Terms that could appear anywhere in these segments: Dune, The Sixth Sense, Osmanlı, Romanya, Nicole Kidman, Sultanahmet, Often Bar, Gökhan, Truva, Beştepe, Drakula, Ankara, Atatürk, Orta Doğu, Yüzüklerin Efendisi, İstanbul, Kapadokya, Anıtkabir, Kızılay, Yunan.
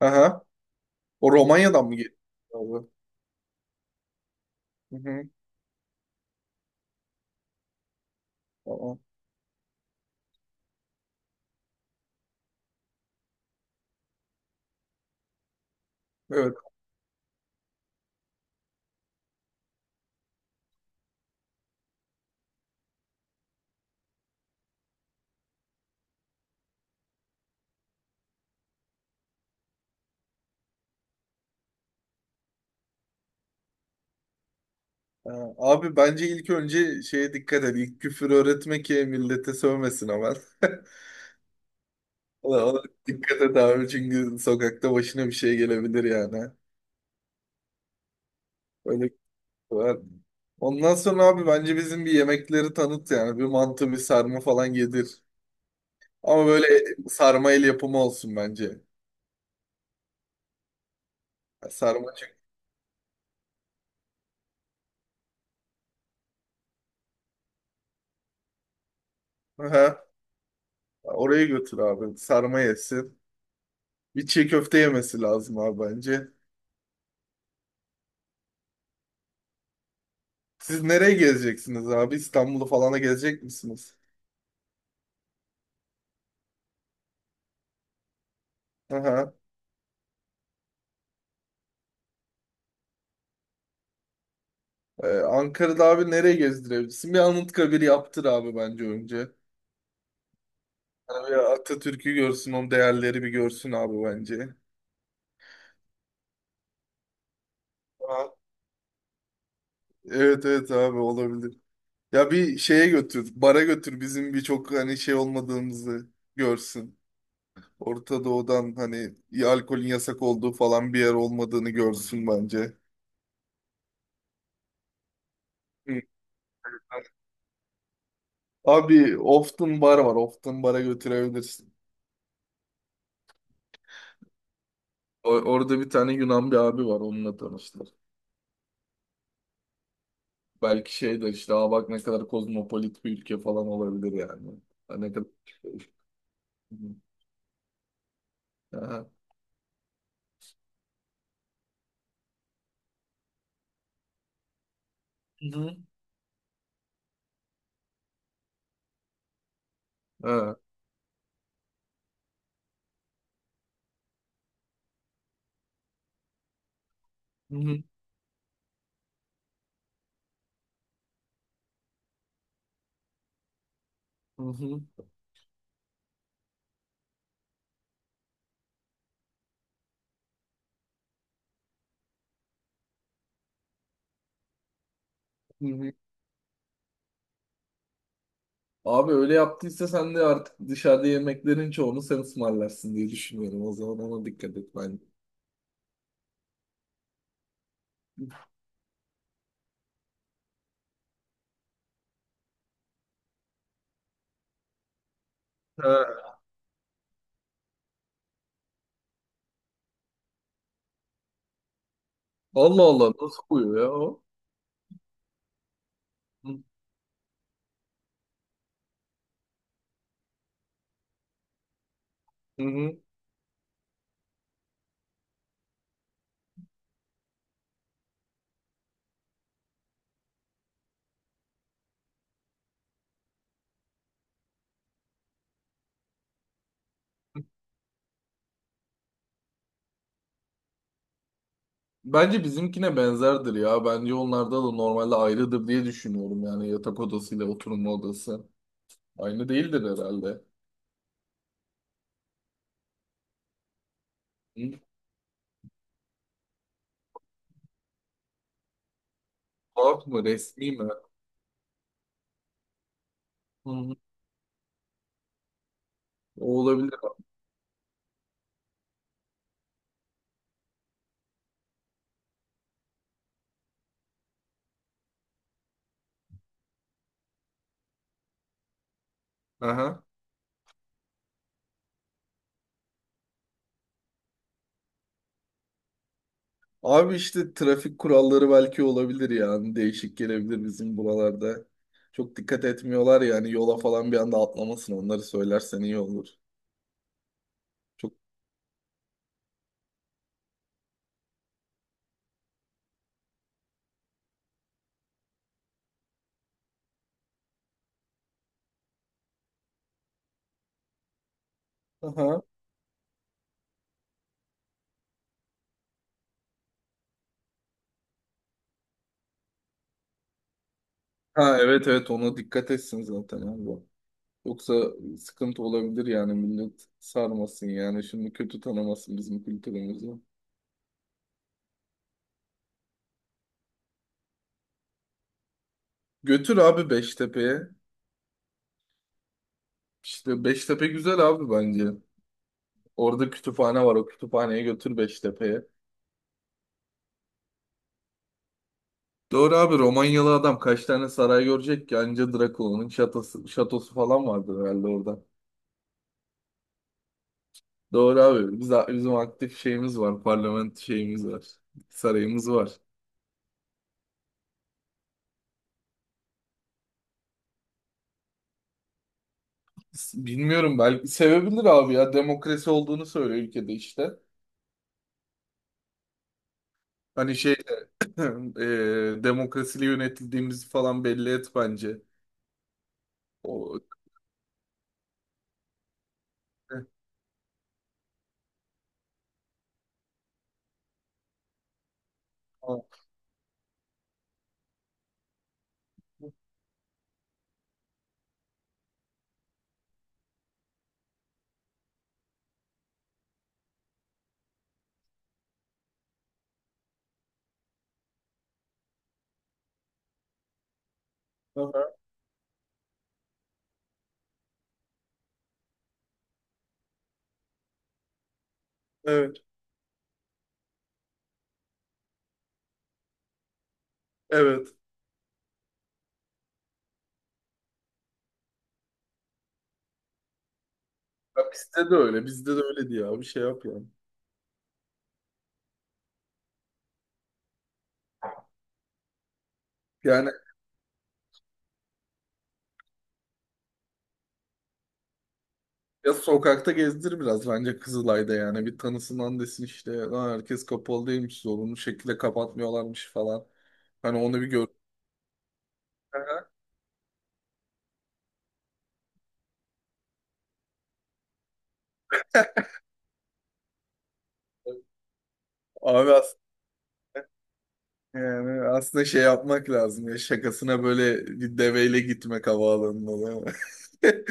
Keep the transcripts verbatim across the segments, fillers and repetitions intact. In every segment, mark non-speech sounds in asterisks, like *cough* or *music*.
Aha. O Romanya'dan mı geliyor abi? Hı hı. Tamam. Evet. Ha, abi bence ilk önce şeye dikkat et. İlk küfür öğretme ki millete sövmesin hemen. *laughs* Ona, ona dikkat et abi, çünkü sokakta başına bir şey gelebilir yani. Öyle var. Ondan sonra abi bence bizim bir yemekleri tanıt yani. Bir mantı, bir sarma falan yedir. Ama böyle sarma el yapımı olsun bence. Sarma çünkü. Aha. Oraya götür abi. Sarma yesin. Bir çiğ köfte yemesi lazım abi bence. Siz nereye gezeceksiniz abi? İstanbul'u falana gezecek misiniz? Aha. Ee, Ankara'da abi nereye gezdirebilirsin? Bir Anıtkabir yaptır abi bence önce. Yani Atatürk'ü görsün, onun değerleri bir görsün abi bence. Aha. Evet evet abi olabilir. Ya bir şeye götür, bara götür, bizim birçok hani şey olmadığımızı görsün. Orta Doğu'dan hani ya alkolün yasak olduğu falan bir yer olmadığını görsün bence. Hı. Abi Often Bar var. Often Bar'a götürebilirsin. O- Orada bir tane Yunan bir abi var, onunla tanıştık. Belki şey de işte, aa bak, ne kadar kozmopolit bir ülke falan olabilir yani. Ha, ne kadar... *laughs* Ha, hı, aha. Hı hı. Ha, hı hı, hı hı, hı, hı. Abi öyle yaptıysa sen de artık dışarıda yemeklerin çoğunu sen ısmarlarsın diye düşünüyorum. O zaman ona dikkat et bence. Ha. Allah Allah, nasıl koyuyor ya o? Hı, hı hı. Bence bizimkine benzerdir ya. Bence onlarda da normalde ayrıdır diye düşünüyorum. Yani yatak odasıyla oturma odası. Aynı değildir herhalde. Hı? Tuhaf mı? Resmi mi? Hı hı. O olabilir. Aha. Abi işte trafik kuralları belki olabilir yani. Değişik gelebilir bizim buralarda. Çok dikkat etmiyorlar yani, yola falan bir anda atlamasın. Onları söylersen iyi olur. Çok... Aha. Ha evet evet, ona dikkat etsin zaten abi. Yoksa sıkıntı olabilir yani, millet sarmasın yani. Şimdi kötü tanımasın bizim kültürümüzü. Götür abi Beştepe'ye. İşte Beştepe güzel abi bence. Orada kütüphane var. O kütüphaneye götür Beştepe'ye. Doğru abi, Romanyalı adam kaç tane saray görecek ki? Anca Drakula'nın şatosu, şatosu falan vardır herhalde orada. Doğru abi. Biz, bizim aktif şeyimiz var. Parlament şeyimiz var. Sarayımız var. S- Bilmiyorum, belki sevebilir abi ya. Demokrasi olduğunu söylüyor ülkede işte. Hani şey *clears throat* *laughs* e, demokrasiyle yönetildiğimizi falan belli et bence. O... Aha, evet. Evet. Ya bizde de öyle. Bizde de öyle diye abi şey yap yani. Yani, ya sokakta gezdir biraz bence Kızılay'da yani. Bir tanısından desin işte. Lan herkes kapalı değilmiş. Zorunlu şekilde kapatmıyorlarmış falan. Hani onu bir gör. *laughs* Aha. Abi aslında, yani aslında şey yapmak lazım ya. Şakasına böyle bir deveyle gitmek havaalanına, değil mi?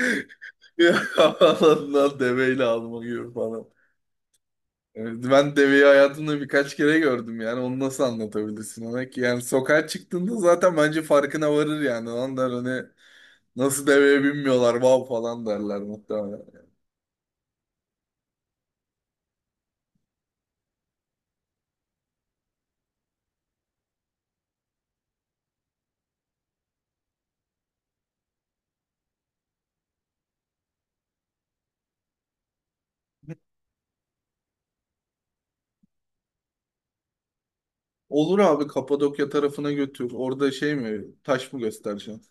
*laughs* Bir havaalanından deveyle alma gibi falan. Evet, ben deveyi hayatımda birkaç kere gördüm yani, onu nasıl anlatabilirsin ona ki? Yani sokağa çıktığında zaten bence farkına varır yani. Ondan hani nasıl deveye binmiyorlar, vav falan derler muhtemelen. Olur abi, Kapadokya tarafına götür. Orada şey mi, taş mı göstereceksin?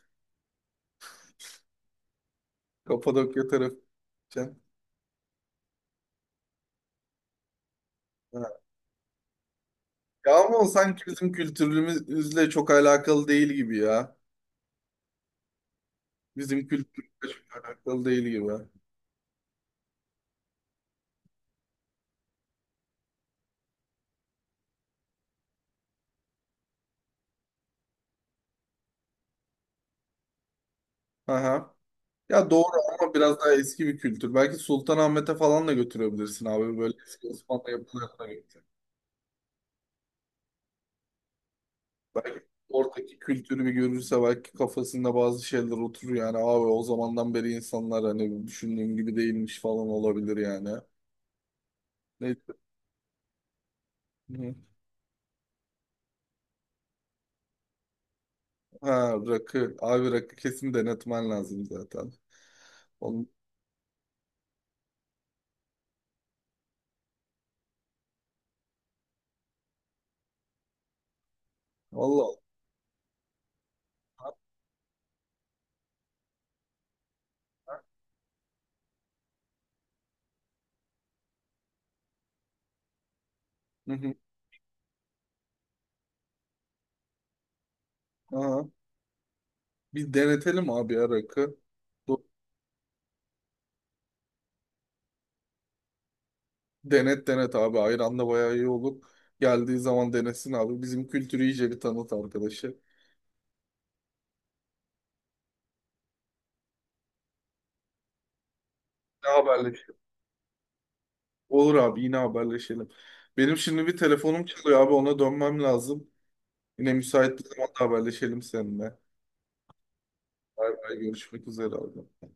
Kapadokya tarafı gideceksin. Ha. Ya ama o sanki bizim kültürümüzle çok alakalı değil gibi ya. Bizim kültürümüzle çok alakalı değil gibi. Aha. Ya doğru, ama biraz daha eski bir kültür. Belki Sultanahmet'e falan da götürebilirsin abi. Böyle eski Osmanlı yapılarına belki oradaki kültürü bir görürse belki kafasında bazı şeyler oturur yani abi. O zamandan beri insanlar hani düşündüğüm gibi değilmiş falan olabilir yani. Ne? Hı. Ha rakı. Abi rakı kesin denetmen lazım zaten. Onu- Allah Allah. Hı hı. Aha. Bir denetelim abi ya, rakı. Do- Denet denet abi. Ayran da bayağı iyi olur. Geldiği zaman denesin abi. Bizim kültürü iyice bir tanıt arkadaşı. Ne haberle? Olur abi, yine haberleşelim. Benim şimdi bir telefonum çalıyor abi, ona dönmem lazım. Yine müsait bir zamanda haberleşelim seninle. Bay bay, görüşmek üzere abi.